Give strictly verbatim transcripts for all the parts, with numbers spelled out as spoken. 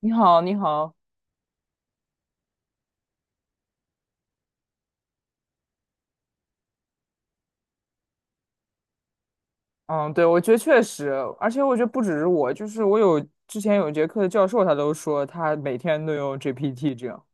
你好，你好，嗯，对，我觉得确实，而且我觉得不只是我，就是我有之前有节课的教授，他都说他每天都用 G P T 这样。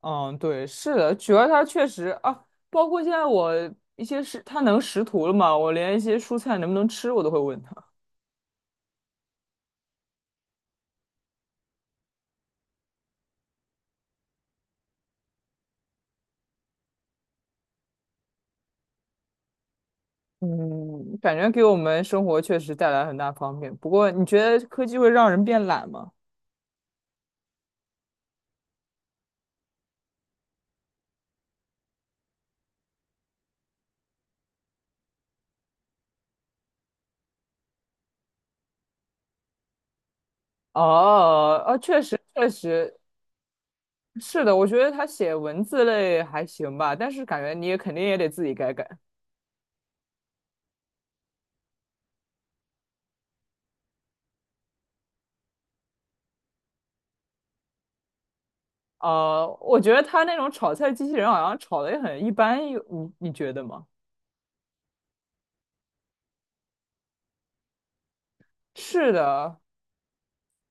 嗯，对，是的，主要他确实啊，包括现在我一些是他能识图了嘛，我连一些蔬菜能不能吃我都会问他。嗯，感觉给我们生活确实带来很大方便。不过，你觉得科技会让人变懒吗？哦，啊，确实，确实，是的，我觉得他写文字类还行吧，但是感觉你也肯定也得自己改改。呃，我觉得他那种炒菜机器人好像炒的也很一般，有你你觉得吗？是的，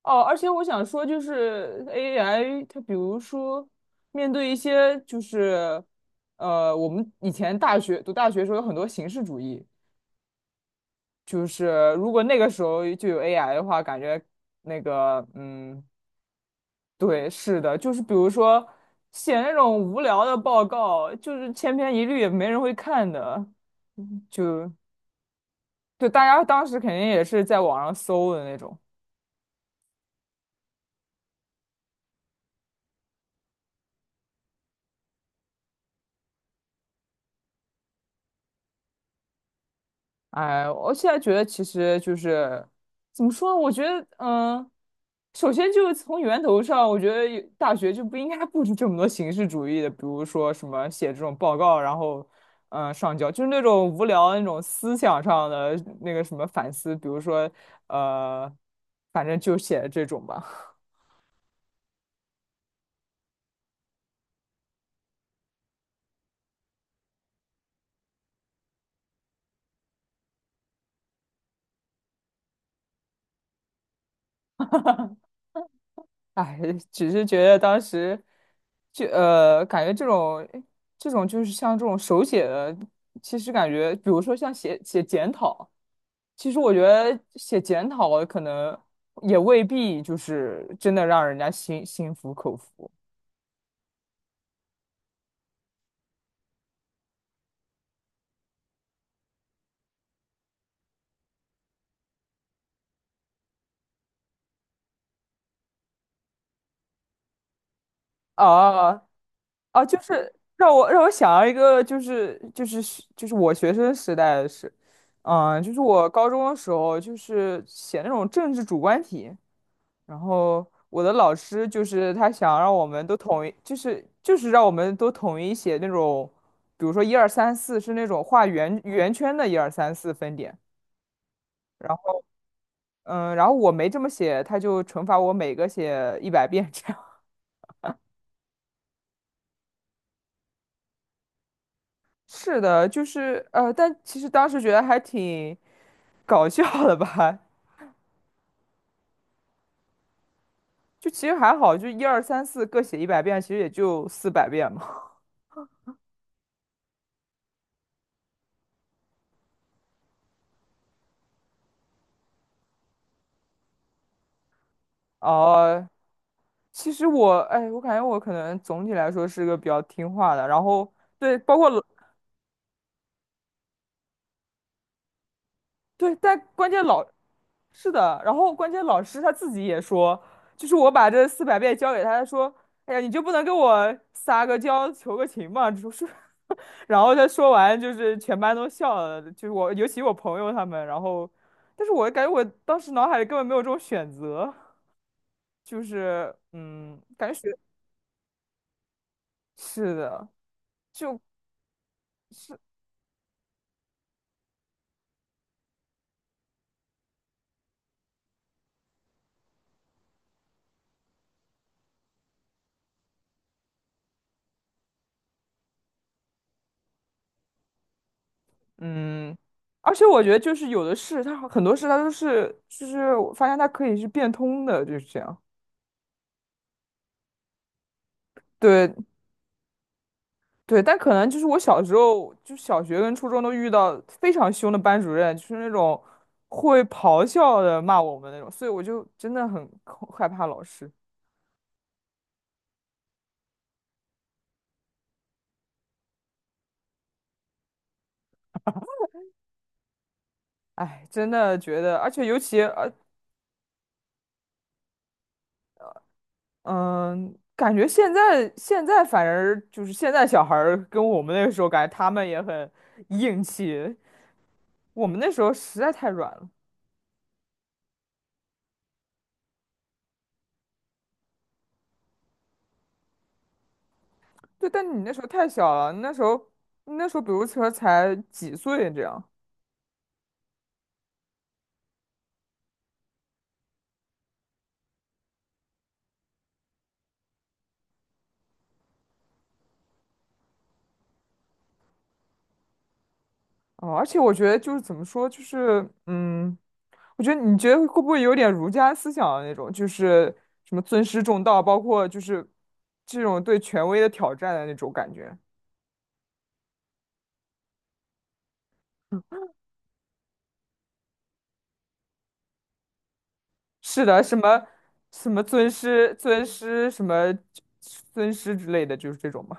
哦，而且我想说，就是 A I，它比如说面对一些就是呃，我们以前大学读大学的时候有很多形式主义，就是如果那个时候就有 A I 的话，感觉那个嗯。对，是的，就是比如说写那种无聊的报告，就是千篇一律，也没人会看的，就就大家当时肯定也是在网上搜的那种。哎，我现在觉得其实就是怎么说呢？我觉得，嗯，首先就是从源头上，我觉得有大学就不应该布置这么多形式主义的，比如说什么写这种报告，然后嗯上交，就是那种无聊的那种思想上的那个什么反思，比如说呃，反正就写这种吧。哎，只是觉得当时就呃，感觉这种这种就是像这种手写的，其实感觉，比如说像写写检讨。其实我觉得写检讨可能也未必就是真的让人家心心服口服啊啊！就是让我让我想到一个，就是就是就是我学生时代的事，嗯，就是我高中的时候，就是写那种政治主观题，然后我的老师就是他想让我们都统一，就是就是让我们都统一写那种，比如说一二三四是那种画圆圆圈的一二三四分点。然嗯，然后我没这么写，他就惩罚我每个写一百遍这样。是的，就是呃，但其实当时觉得还挺搞笑的吧，就其实还好，就一二三四各写一百遍，其实也就四百遍嘛。哦、其实我，哎，我感觉我可能总体来说是个比较听话的，然后对，包括老对，但关键老是的，然后关键老师他自己也说，就是我把这四百遍交给他，他说，哎呀，你就不能给我撒个娇求个情吗？就是，然后他说完，就是全班都笑了，就是我，尤其我朋友他们，然后，但是我感觉我当时脑海里根本没有这种选择，就是，嗯，感觉学是的，就是嗯。而且我觉得就是有的事，它很多事他都是，就是我发现他可以是变通的，就是这样。对对，但可能就是我小时候，就小学跟初中都遇到非常凶的班主任，就是那种会咆哮的骂我们那种，所以我就真的很恐害怕老师。哎，真的觉得，而且尤其呃，嗯，感觉现在现在反而就是现在小孩儿跟我们那个时候感觉他们也很硬气，我们那时候实在太软了。对，但你那时候太小了，你那时候你那时候比如说才几岁这样。哦，而且我觉得就是怎么说，就是嗯，我觉得你觉得会不会有点儒家思想的那种，就是什么尊师重道，包括就是这种对权威的挑战的那种感觉。是的，什么什么尊师尊师什么尊师之类的，就是这种嘛。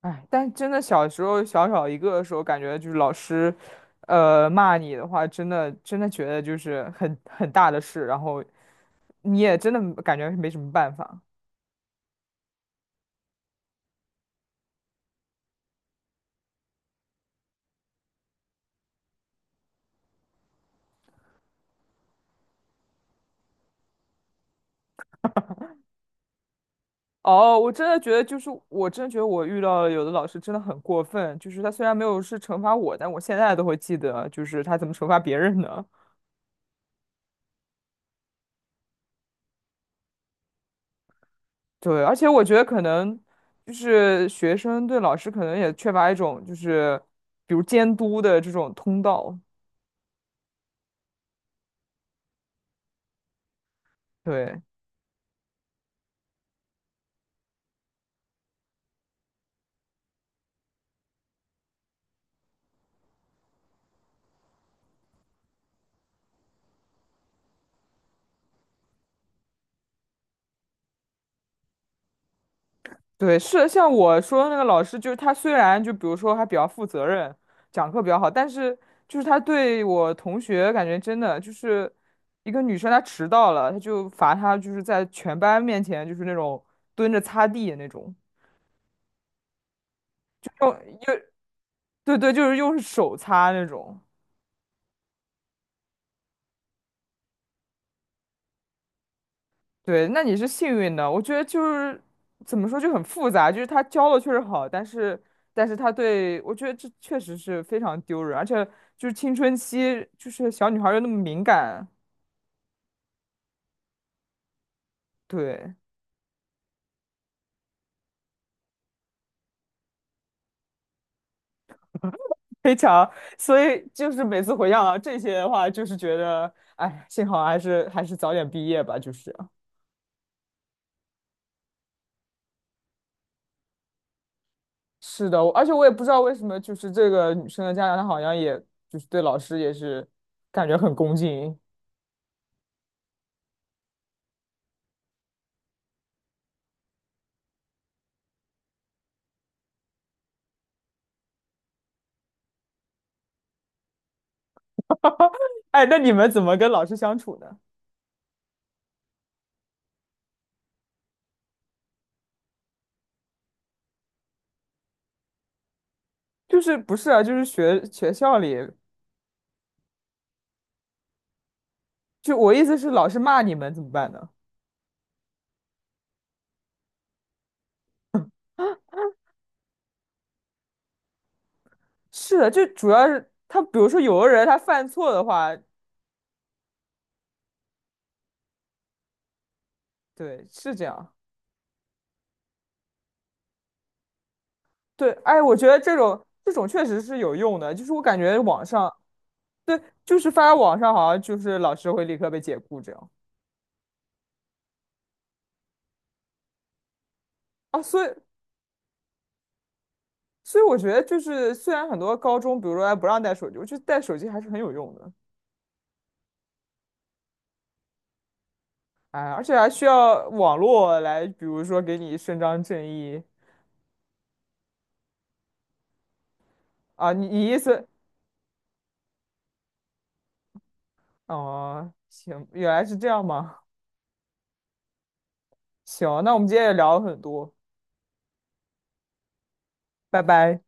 哎，但真的小时候小小一个的时候，感觉就是老师，呃，骂你的话，真的真的觉得就是很很大的事，然后你也真的感觉没什么办法。哦，我真的觉得，就是我真的觉得我遇到了有的老师真的很过分，就是他虽然没有是惩罚我，但我现在都会记得，就是他怎么惩罚别人的。对，而且我觉得可能就是学生对老师可能也缺乏一种就是比如监督的这种通道。对，对，是像我说的那个老师，就是他虽然就比如说还比较负责任，讲课比较好，但是就是他对我同学感觉真的就是一个女生她迟到了，他就罚她就是在全班面前就是那种蹲着擦地那种，用用对对，就是用手擦那种。对，那你是幸运的。我觉得就是怎么说就很复杂，就是他教的确实好，但是但是他对我觉得这确实是非常丢人，而且就是青春期，就是小女孩儿又那么敏感，对，非常，所以就是每次回想到这些的话，就是觉得，哎，幸好还是还是早点毕业吧，就是。是的，而且我也不知道为什么，就是这个女生的家长，她好像也就是对老师也是感觉很恭敬。哎，那你们怎么跟老师相处呢？就是不是啊？就是学学校里，就我意思是，老师骂你们怎么办呢？是的，就主要是他，比如说有的人他犯错的话，对，是这样。对，哎，我觉得这种这种确实是有用的，就是我感觉网上，对，就是发到网上好像就是老师会立刻被解雇这样啊，所以所以我觉得就是虽然很多高中，比如说还不让带手机，我觉得带手机还是很有用的，哎，而且还需要网络来，比如说给你伸张正义啊，你你意思？哦，行，原来是这样吗？行，那我们今天也聊了很多，拜拜。